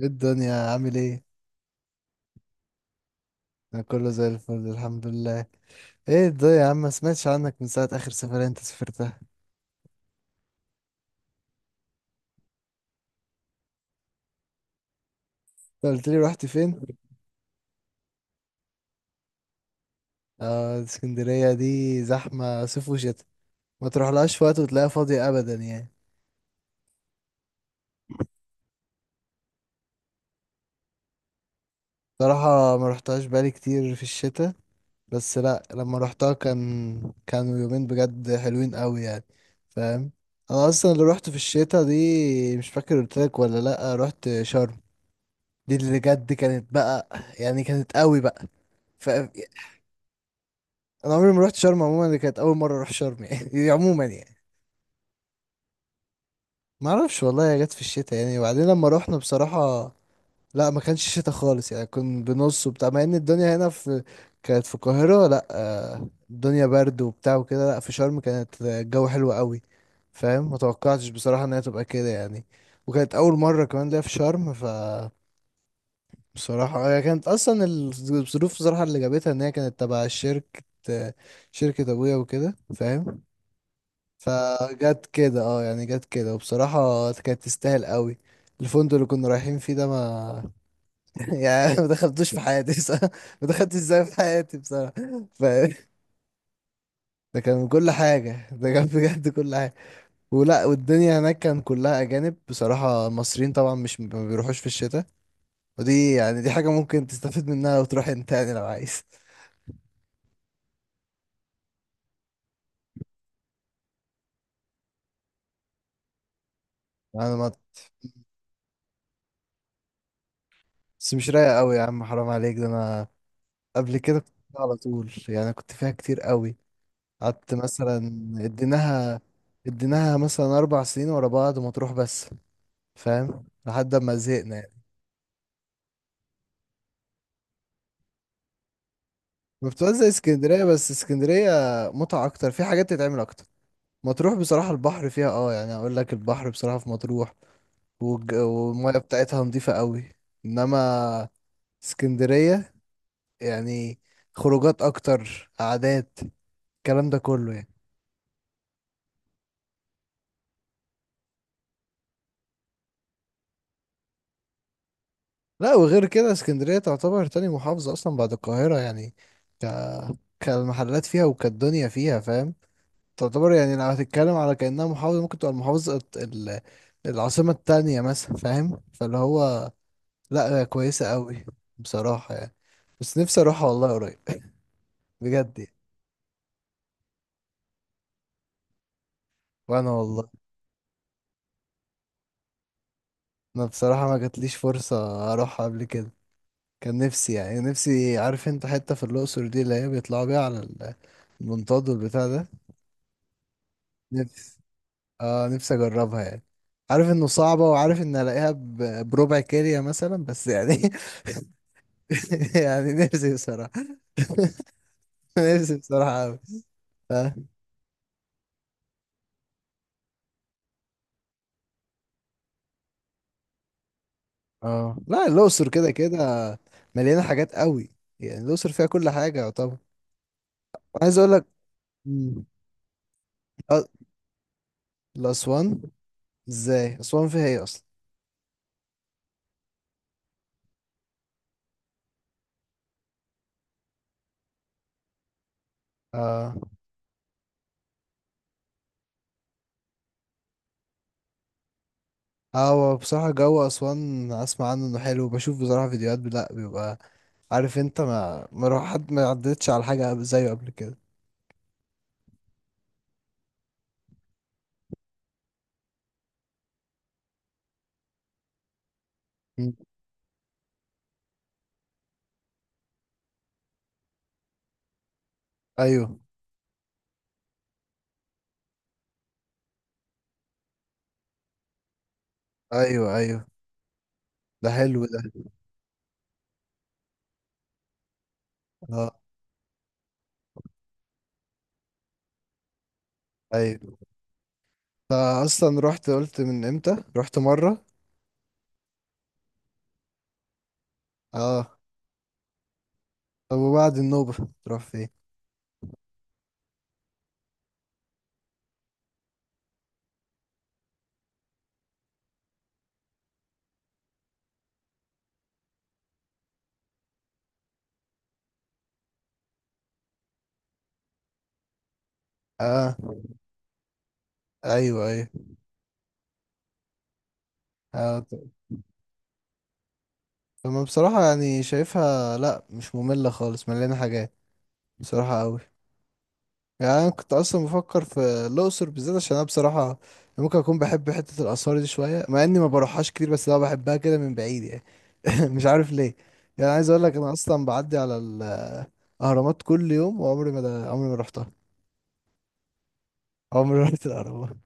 ايه الدنيا عامل ايه؟ انا كله زي الفل الحمد لله. ايه الدنيا يا عم ما سمعتش عنك من ساعة اخر سفرية انت سافرتها. انت قلت لي رحت فين؟ اه، اسكندرية دي زحمة صيف وشتاء. ما تروحلهاش في وقت وتلاقيها فاضية ابدا يعني. صراحة ما رحتهاش بقالي كتير في الشتاء، بس لا، لما رحتها كانوا يومين بجد حلوين قوي يعني. فاهم. انا اصلا اللي روحت في الشتاء دي مش فاكر قلت لك ولا لا، رحت شرم. دي اللي بجد كانت بقى، يعني كانت قوي بقى. ف انا عمري ما رحت شرم عموما، دي كانت اول مره اروح شرم يعني عموما يعني. ما اعرفش والله، هي جت في الشتاء يعني، وبعدين لما رحنا بصراحه لا، ما كانش شتاء خالص يعني، كان بنص وبتاع، مع ان الدنيا هنا في كانت في القاهره لا الدنيا برد وبتاع وكده، لا في شرم كانت الجو حلو قوي. فاهم. ما توقعتش بصراحه ان هي تبقى كده يعني. وكانت اول مره كمان ليا في شرم. بصراحة هي كانت أصلا الظروف بصراحة اللي جابتها إن هي كانت تبع شركة، شركة أبويا وكده فاهم. فجت كده اه، يعني جت كده، وبصراحة كانت تستاهل قوي. الفندق اللي كنا رايحين فيه ده ما يعني ما دخلتوش في حياتي بصراحة، ما دخلتش ازاي في حياتي بصراحة. ف... ده كان كل حاجة، ده كان بجد كل حاجة. ولا، والدنيا هناك كان كلها أجانب بصراحة، المصريين طبعا مش ما بيروحوش في الشتاء. ودي يعني دي حاجة ممكن تستفيد منها لو تروح انت يعني، لو عايز. أنا ما بس مش رايق قوي يا عم، حرام عليك، ده أنا قبل كده كنت على طول، يعني كنت فيها كتير قوي. قعدت مثلا. اديناها اديناها مثلا 4 سنين ورا بعض مطروح بس. فاهم، لحد ما زهقنا يعني. بتبقى زي اسكندريه، بس اسكندريه متعه اكتر، في حاجات تتعمل اكتر. مطروح بصراحه البحر فيها اه، يعني اقول لك البحر بصراحه في مطروح والميه بتاعتها نظيفه قوي. انما اسكندريه يعني خروجات اكتر، قعدات، الكلام ده كله يعني. لا، وغير كده اسكندرية تعتبر تاني محافظة أصلا بعد القاهرة يعني. ك... كالمحلات فيها وكالدنيا فيها فاهم. تعتبر يعني لو هتتكلم على كأنها محافظة ممكن تبقى المحافظة العاصمة التانية مثلا، فاهم، فاللي هو لا، هي كويسة قوي بصراحة يعني. بس نفسي أروحها والله قريب بجد يعني. وأنا والله. أنا بصراحة ما جاتليش فرصة أروحها قبل كده. كان نفسي يعني، نفسي، عارف انت حتة في الأقصر دي اللي هي بيطلعوا بيها على المنطاد والبتاع ده. اه، نفسي اجربها يعني. عارف انه صعبة، وعارف ان الاقيها بربع كارية مثلا بس يعني يعني نفسي بصراحة نفسي بصراحة قوي. اه لا، الاقصر كده كده مليانة حاجات قوي. يعني الاقصر فيها كل حاجة يعتبر. عايز اقول لك. مم. أ- الاسوان، ازاي اسوان فيها ايه اصلا؟ اه. اه هو بصراحة جو أسوان أسمع عنه إنه حلو، بشوف بصراحة فيديوهات، لأ بيبقى. عارف أنت، ما روح حد ما عدتش على حاجة زيه قبل كده. ايوه ايوه. ايوه ده حلو ده. اه ايوه. أنا اصلا رحت، قلت من امتى رحت مره. اه، طب وبعد النوبه تروح فين؟ اه، ايوه، ايوه. آه. طب. طب أنا بصراحه يعني شايفها لا مش ممله خالص، مليانه حاجات بصراحه قوي. يعني انا كنت اصلا بفكر في الاقصر بالذات، عشان انا بصراحه ممكن اكون بحب حته الاثار دي شويه، مع اني ما بروحهاش كتير، بس انا بحبها كده من بعيد يعني مش عارف ليه. يعني عايز اقول لك انا اصلا بعدي على الاهرامات كل يوم، وعمري ما، ده عمري ما رحتها. عمري ما رحت الاهرامات.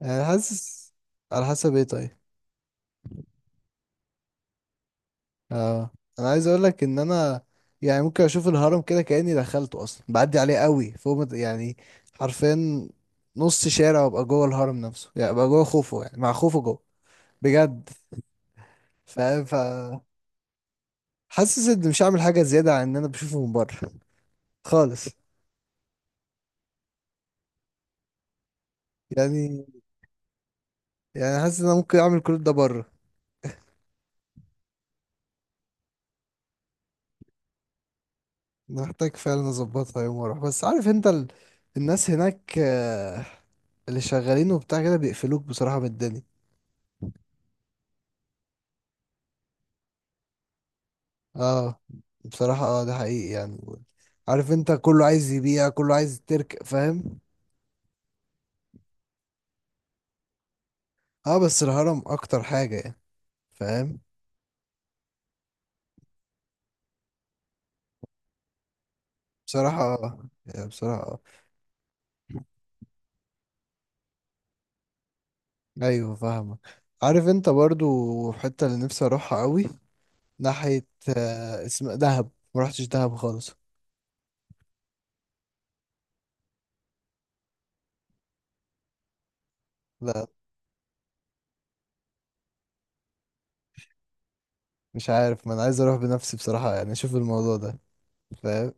يعني حاسس. على حسب ايه طيب؟ اه. انا عايز اقول لك ان انا يعني ممكن اشوف الهرم كده كاني دخلته، اصلا بعدي عليه قوي فوق ما يعني حرفيا نص شارع، وابقى جوه الهرم نفسه يعني، ابقى جوه خوفو يعني، مع خوفو جوه بجد فاهم. حاسس اني مش هعمل حاجه زياده عن ان انا بشوفه من بره خالص يعني. يعني حاسس ان انا ممكن اعمل كل ده بره. محتاج فعلا اظبطها يوم واروح، بس عارف انت الناس هناك اللي شغالين وبتاع كده بيقفلوك بصراحه من الدنيا. اه بصراحه، اه ده حقيقي يعني. عارف انت كله عايز يبيع، كله عايز ترك فاهم. اه بس الهرم اكتر حاجه يعني، فاهم. بصراحه اه، يعني بصراحه. ايوه فاهمك. عارف انت برضو الحته اللي نفسي اروحها قوي ناحيه اسم دهب، ما رحتش دهب خالص. لا مش عارف، ما انا عايز اروح بنفسي بصراحه يعني، اشوف الموضوع ده فاهم.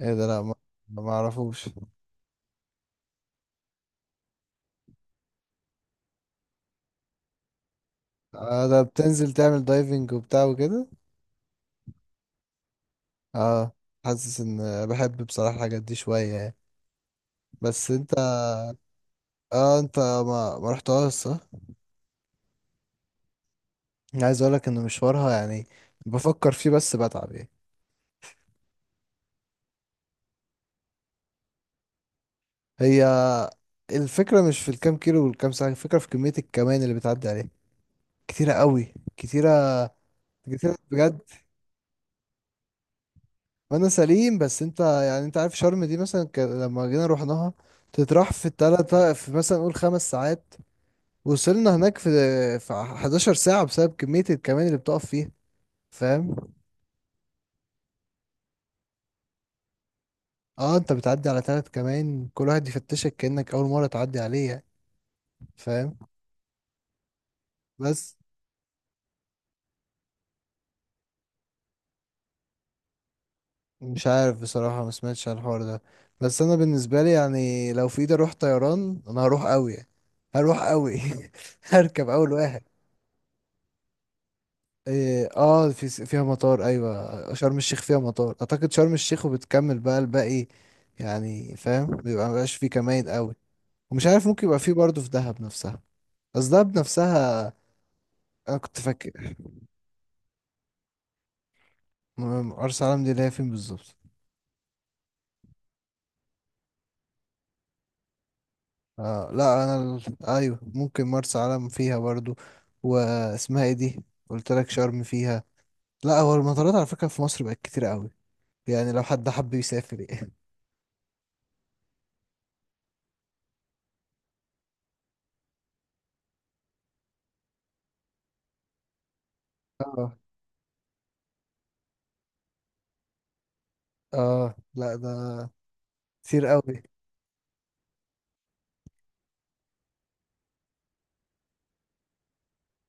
ايه ده؟ لا ما اعرفوش. آه ده بتنزل تعمل دايفنج وبتاع وكده. اه حاسس ان بحب بصراحه الحاجات دي شويه يعني. بس انت، اه انت ما رحتهاش صح؟ أنا عايز اقولك ان مشوارها يعني بفكر فيه بس بتعب يعني. هي الفكرة مش في الكام كيلو والكام ساعة، الفكرة في كمية الكمان اللي بتعدي عليه، كتيرة قوي، كتيرة، كتيرة بجد. وانا سليم، بس انت يعني انت عارف شرم دي مثلا لما جينا رحناها تتراح في التلاتة في مثلا نقول 5 ساعات، وصلنا هناك في 11 ساعة بسبب كمية الكمان اللي بتقف فيها فاهم. اه انت بتعدي على 3 كمان، كل واحد يفتشك كأنك أول مرة تعدي عليه يعني فاهم. بس مش عارف بصراحة، ما سمعتش عن الحوار ده، بس انا بالنسبة لي يعني لو في ايدي اروح طيران انا هروح قوي يعني. هروح قوي هركب اول واحد. إيه، اه في فيها مطار، ايوه شرم الشيخ فيها مطار اعتقد، شرم الشيخ وبتكمل بقى الباقي يعني فاهم، بيبقى مبقاش فيه كمائن قوي. ومش عارف ممكن يبقى فيه برضه في دهب نفسها. بس دهب نفسها انا كنت فاكر. م- مرسى علم دي اللي هي فين بالظبط؟ آه لا انا ايوه ممكن مرسى علم فيها برضو. واسمها ايه دي؟ قلت لك شرم فيها. لا، هو المطارات على فكره في مصر بقت كتير قوي، يعني لو حد حب يسافر يعني. اه اه لا ده كتير قوي.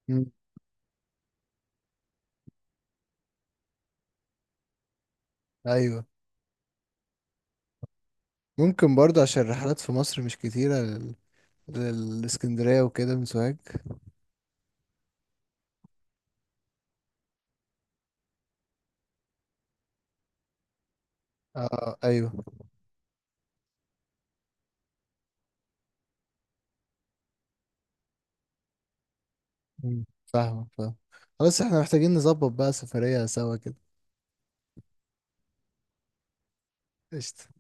مم. ايوه ممكن برضو عشان الرحلات في مصر مش كتيره للاسكندريه وكده من سوهاج. اه ايوه. مم. فاهمك، فاهم. خلاص احنا محتاجين نظبط بقى سفريه سوا كده. قشطة.